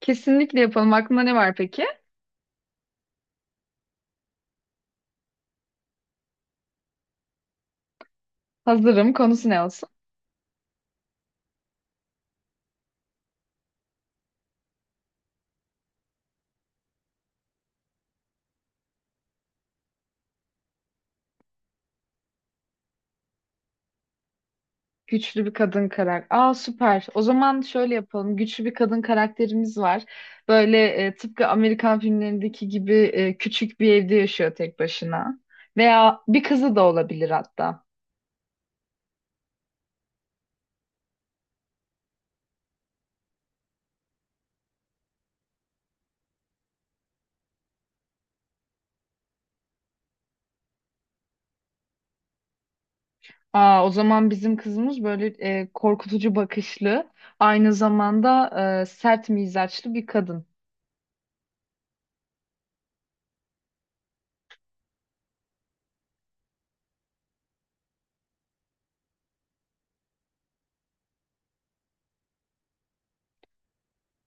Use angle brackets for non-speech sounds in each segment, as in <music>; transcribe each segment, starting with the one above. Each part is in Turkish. Kesinlikle yapalım. Aklında ne var peki? Hazırım. Konusu ne olsun? Güçlü bir kadın karakter. Aa, süper. O zaman şöyle yapalım. Güçlü bir kadın karakterimiz var. Böyle tıpkı Amerikan filmlerindeki gibi küçük bir evde yaşıyor tek başına. Veya bir kızı da olabilir hatta. Aa, o zaman bizim kızımız böyle korkutucu bakışlı, aynı zamanda sert mizaçlı bir kadın.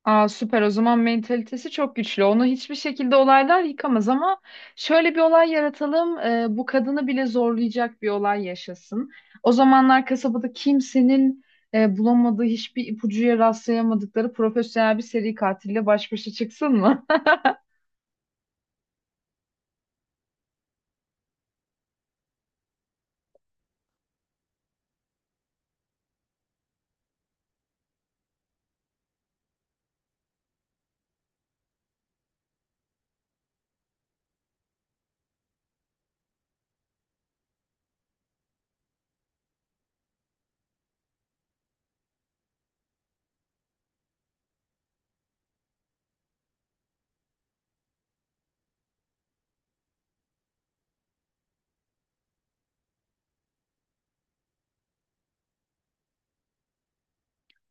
Aa, süper, o zaman mentalitesi çok güçlü. Onu hiçbir şekilde olaylar yıkamaz ama şöyle bir olay yaratalım. Bu kadını bile zorlayacak bir olay yaşasın. O zamanlar kasabada kimsenin bulamadığı hiçbir ipucuya rastlayamadıkları profesyonel bir seri katille baş başa çıksın mı?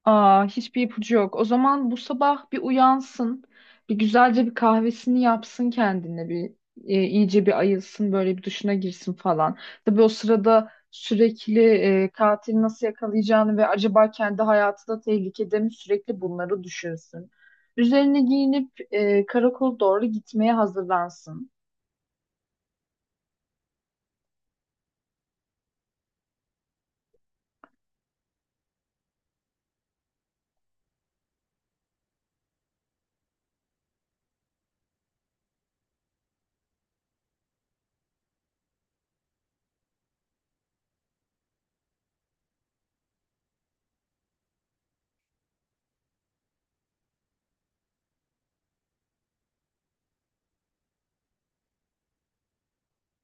Aa, hiçbir ipucu yok. O zaman bu sabah bir uyansın, bir güzelce bir kahvesini yapsın kendine, bir iyice bir ayılsın, böyle bir duşuna girsin falan. Tabii o sırada sürekli katili nasıl yakalayacağını ve acaba kendi hayatı da tehlikede mi sürekli bunları düşünsün. Üzerine giyinip karakola doğru gitmeye hazırlansın.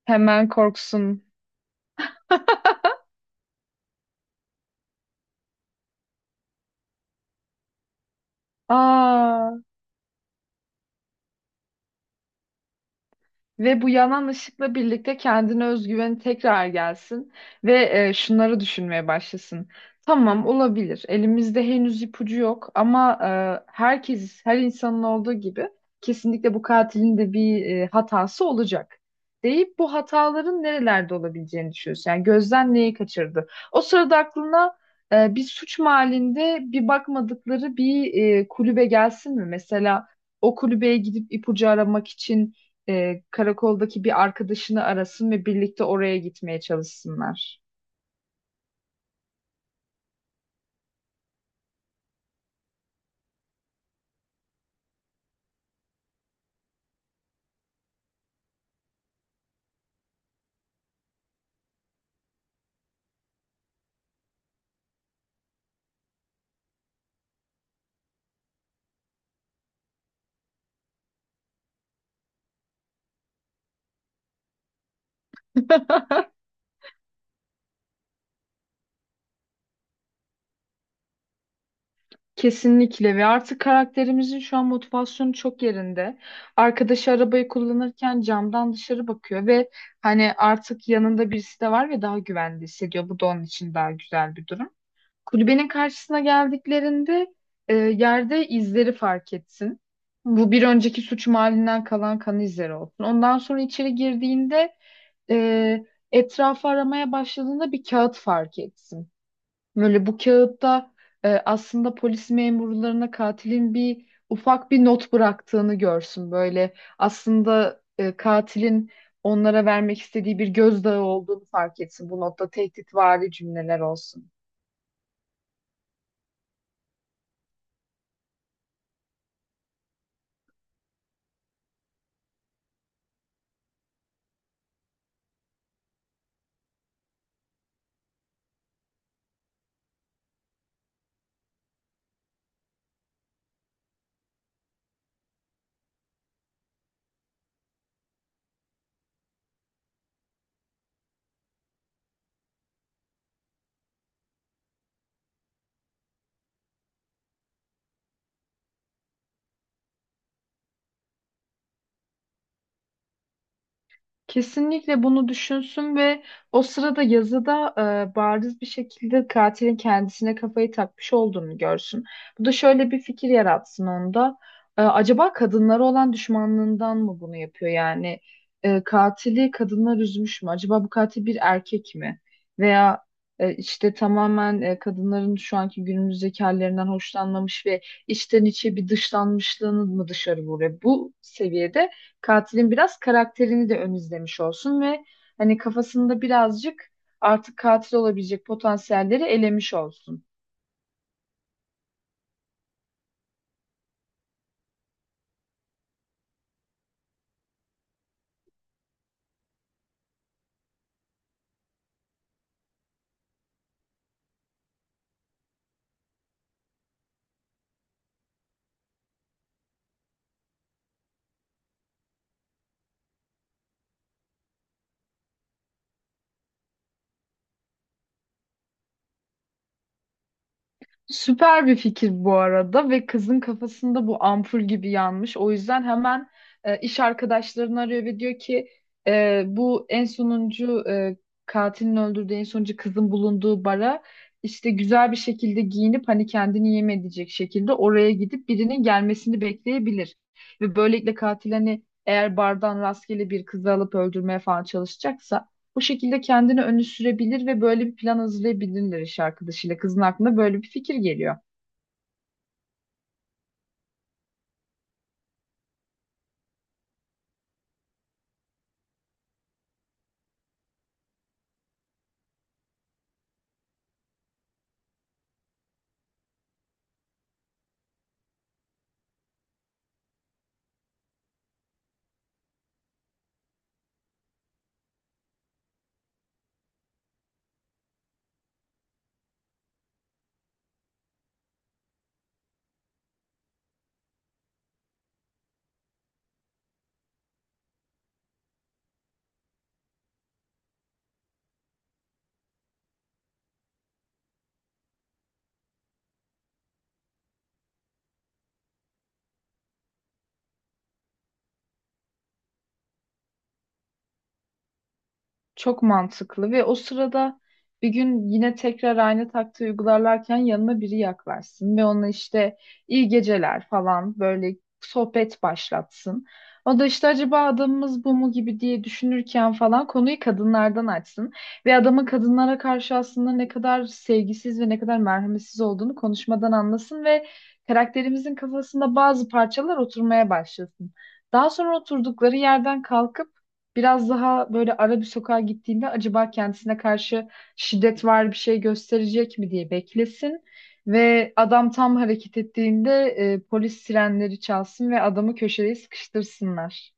Hemen korksun. Aa, ve bu yanan ışıkla birlikte kendine özgüveni tekrar gelsin ve şunları düşünmeye başlasın. Tamam, olabilir. Elimizde henüz ipucu yok ama herkes, her insanın olduğu gibi kesinlikle bu katilin de bir hatası olacak deyip bu hataların nerelerde olabileceğini düşünüyorsun. Yani gözden neyi kaçırdı? O sırada aklına bir suç mahallinde bir bakmadıkları bir kulübe gelsin mi? Mesela o kulübeye gidip ipucu aramak için karakoldaki bir arkadaşını arasın ve birlikte oraya gitmeye çalışsınlar. <laughs> Kesinlikle, ve artık karakterimizin şu an motivasyonu çok yerinde. Arkadaşı arabayı kullanırken camdan dışarı bakıyor ve hani artık yanında birisi de var ve daha güvende hissediyor. Bu da onun için daha güzel bir durum. Kulübenin karşısına geldiklerinde yerde izleri fark etsin. Bu bir önceki suç mahallinden kalan kan izleri olsun. Ondan sonra içeri girdiğinde e, etrafı aramaya başladığında bir kağıt fark etsin. Böyle bu kağıtta aslında polis memurlarına katilin bir ufak bir not bıraktığını görsün. Böyle aslında katilin onlara vermek istediği bir gözdağı olduğunu fark etsin. Bu notta tehditvari cümleler olsun. Kesinlikle bunu düşünsün ve o sırada yazıda bariz bir şekilde katilin kendisine kafayı takmış olduğunu görsün. Bu da şöyle bir fikir yaratsın onda. E, acaba kadınlara olan düşmanlığından mı bunu yapıyor? Yani katili kadınlar üzmüş mü? Acaba bu katil bir erkek mi? Veya işte tamamen kadınların şu anki günümüzdeki hallerinden hoşlanmamış ve içten içe bir dışlanmışlığını mı dışarı vuruyor? Bu seviyede katilin biraz karakterini de ön izlemiş olsun ve hani kafasında birazcık artık katil olabilecek potansiyelleri elemiş olsun. Süper bir fikir bu arada ve kızın kafasında bu ampul gibi yanmış. O yüzden hemen iş arkadaşlarını arıyor ve diyor ki bu en sonuncu katilin öldürdüğü en sonuncu kızın bulunduğu bara işte güzel bir şekilde giyinip hani kendini yem edecek şekilde oraya gidip birinin gelmesini bekleyebilir. Ve böylelikle katil hani eğer bardan rastgele bir kızı alıp öldürmeye falan çalışacaksa bu şekilde kendini öne sürebilir ve böyle bir plan hazırlayabilirler iş arkadaşıyla. Kızın aklına böyle bir fikir geliyor. Çok mantıklı, ve o sırada bir gün yine tekrar aynı taktiği uygularlarken yanına biri yaklaşsın ve ona işte iyi geceler falan böyle sohbet başlatsın. O da işte acaba adamımız bu mu gibi diye düşünürken falan konuyu kadınlardan açsın ve adamın kadınlara karşı aslında ne kadar sevgisiz ve ne kadar merhametsiz olduğunu konuşmadan anlasın ve karakterimizin kafasında bazı parçalar oturmaya başlasın. Daha sonra oturdukları yerden kalkıp biraz daha böyle ara bir sokağa gittiğinde acaba kendisine karşı şiddet var, bir şey gösterecek mi diye beklesin ve adam tam hareket ettiğinde polis sirenleri çalsın ve adamı köşeye sıkıştırsınlar.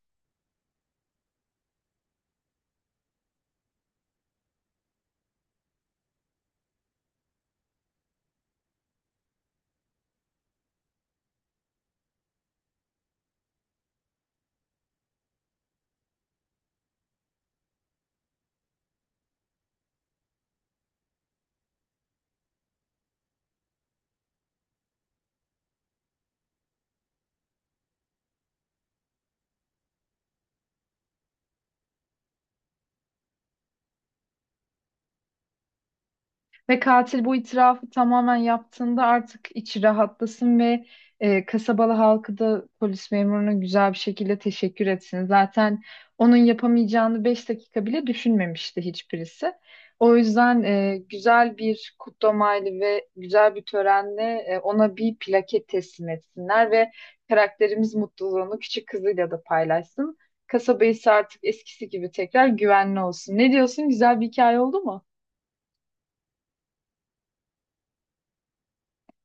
Ve katil bu itirafı tamamen yaptığında artık içi rahatlasın ve kasabalı halkı da polis memuruna güzel bir şekilde teşekkür etsin. Zaten onun yapamayacağını 5 dakika bile düşünmemişti hiçbirisi. O yüzden güzel bir kutlamayla ve güzel bir törenle ona bir plaket teslim etsinler ve karakterimiz mutluluğunu küçük kızıyla da paylaşsın. Kasaba ise artık eskisi gibi tekrar güvenli olsun. Ne diyorsun? Güzel bir hikaye oldu mu?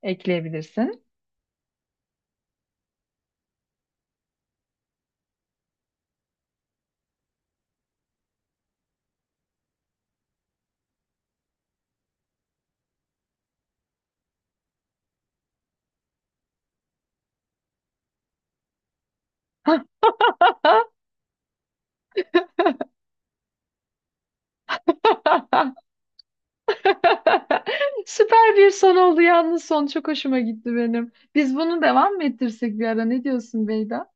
Ekleyebilirsin. <laughs> <laughs> Süper bir son oldu, yalnız son çok hoşuma gitti benim. Biz bunu devam mı ettirsek bir ara, ne diyorsun Beyda?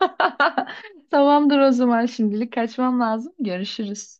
<laughs> Tamamdır, o zaman şimdilik kaçmam lazım. Görüşürüz.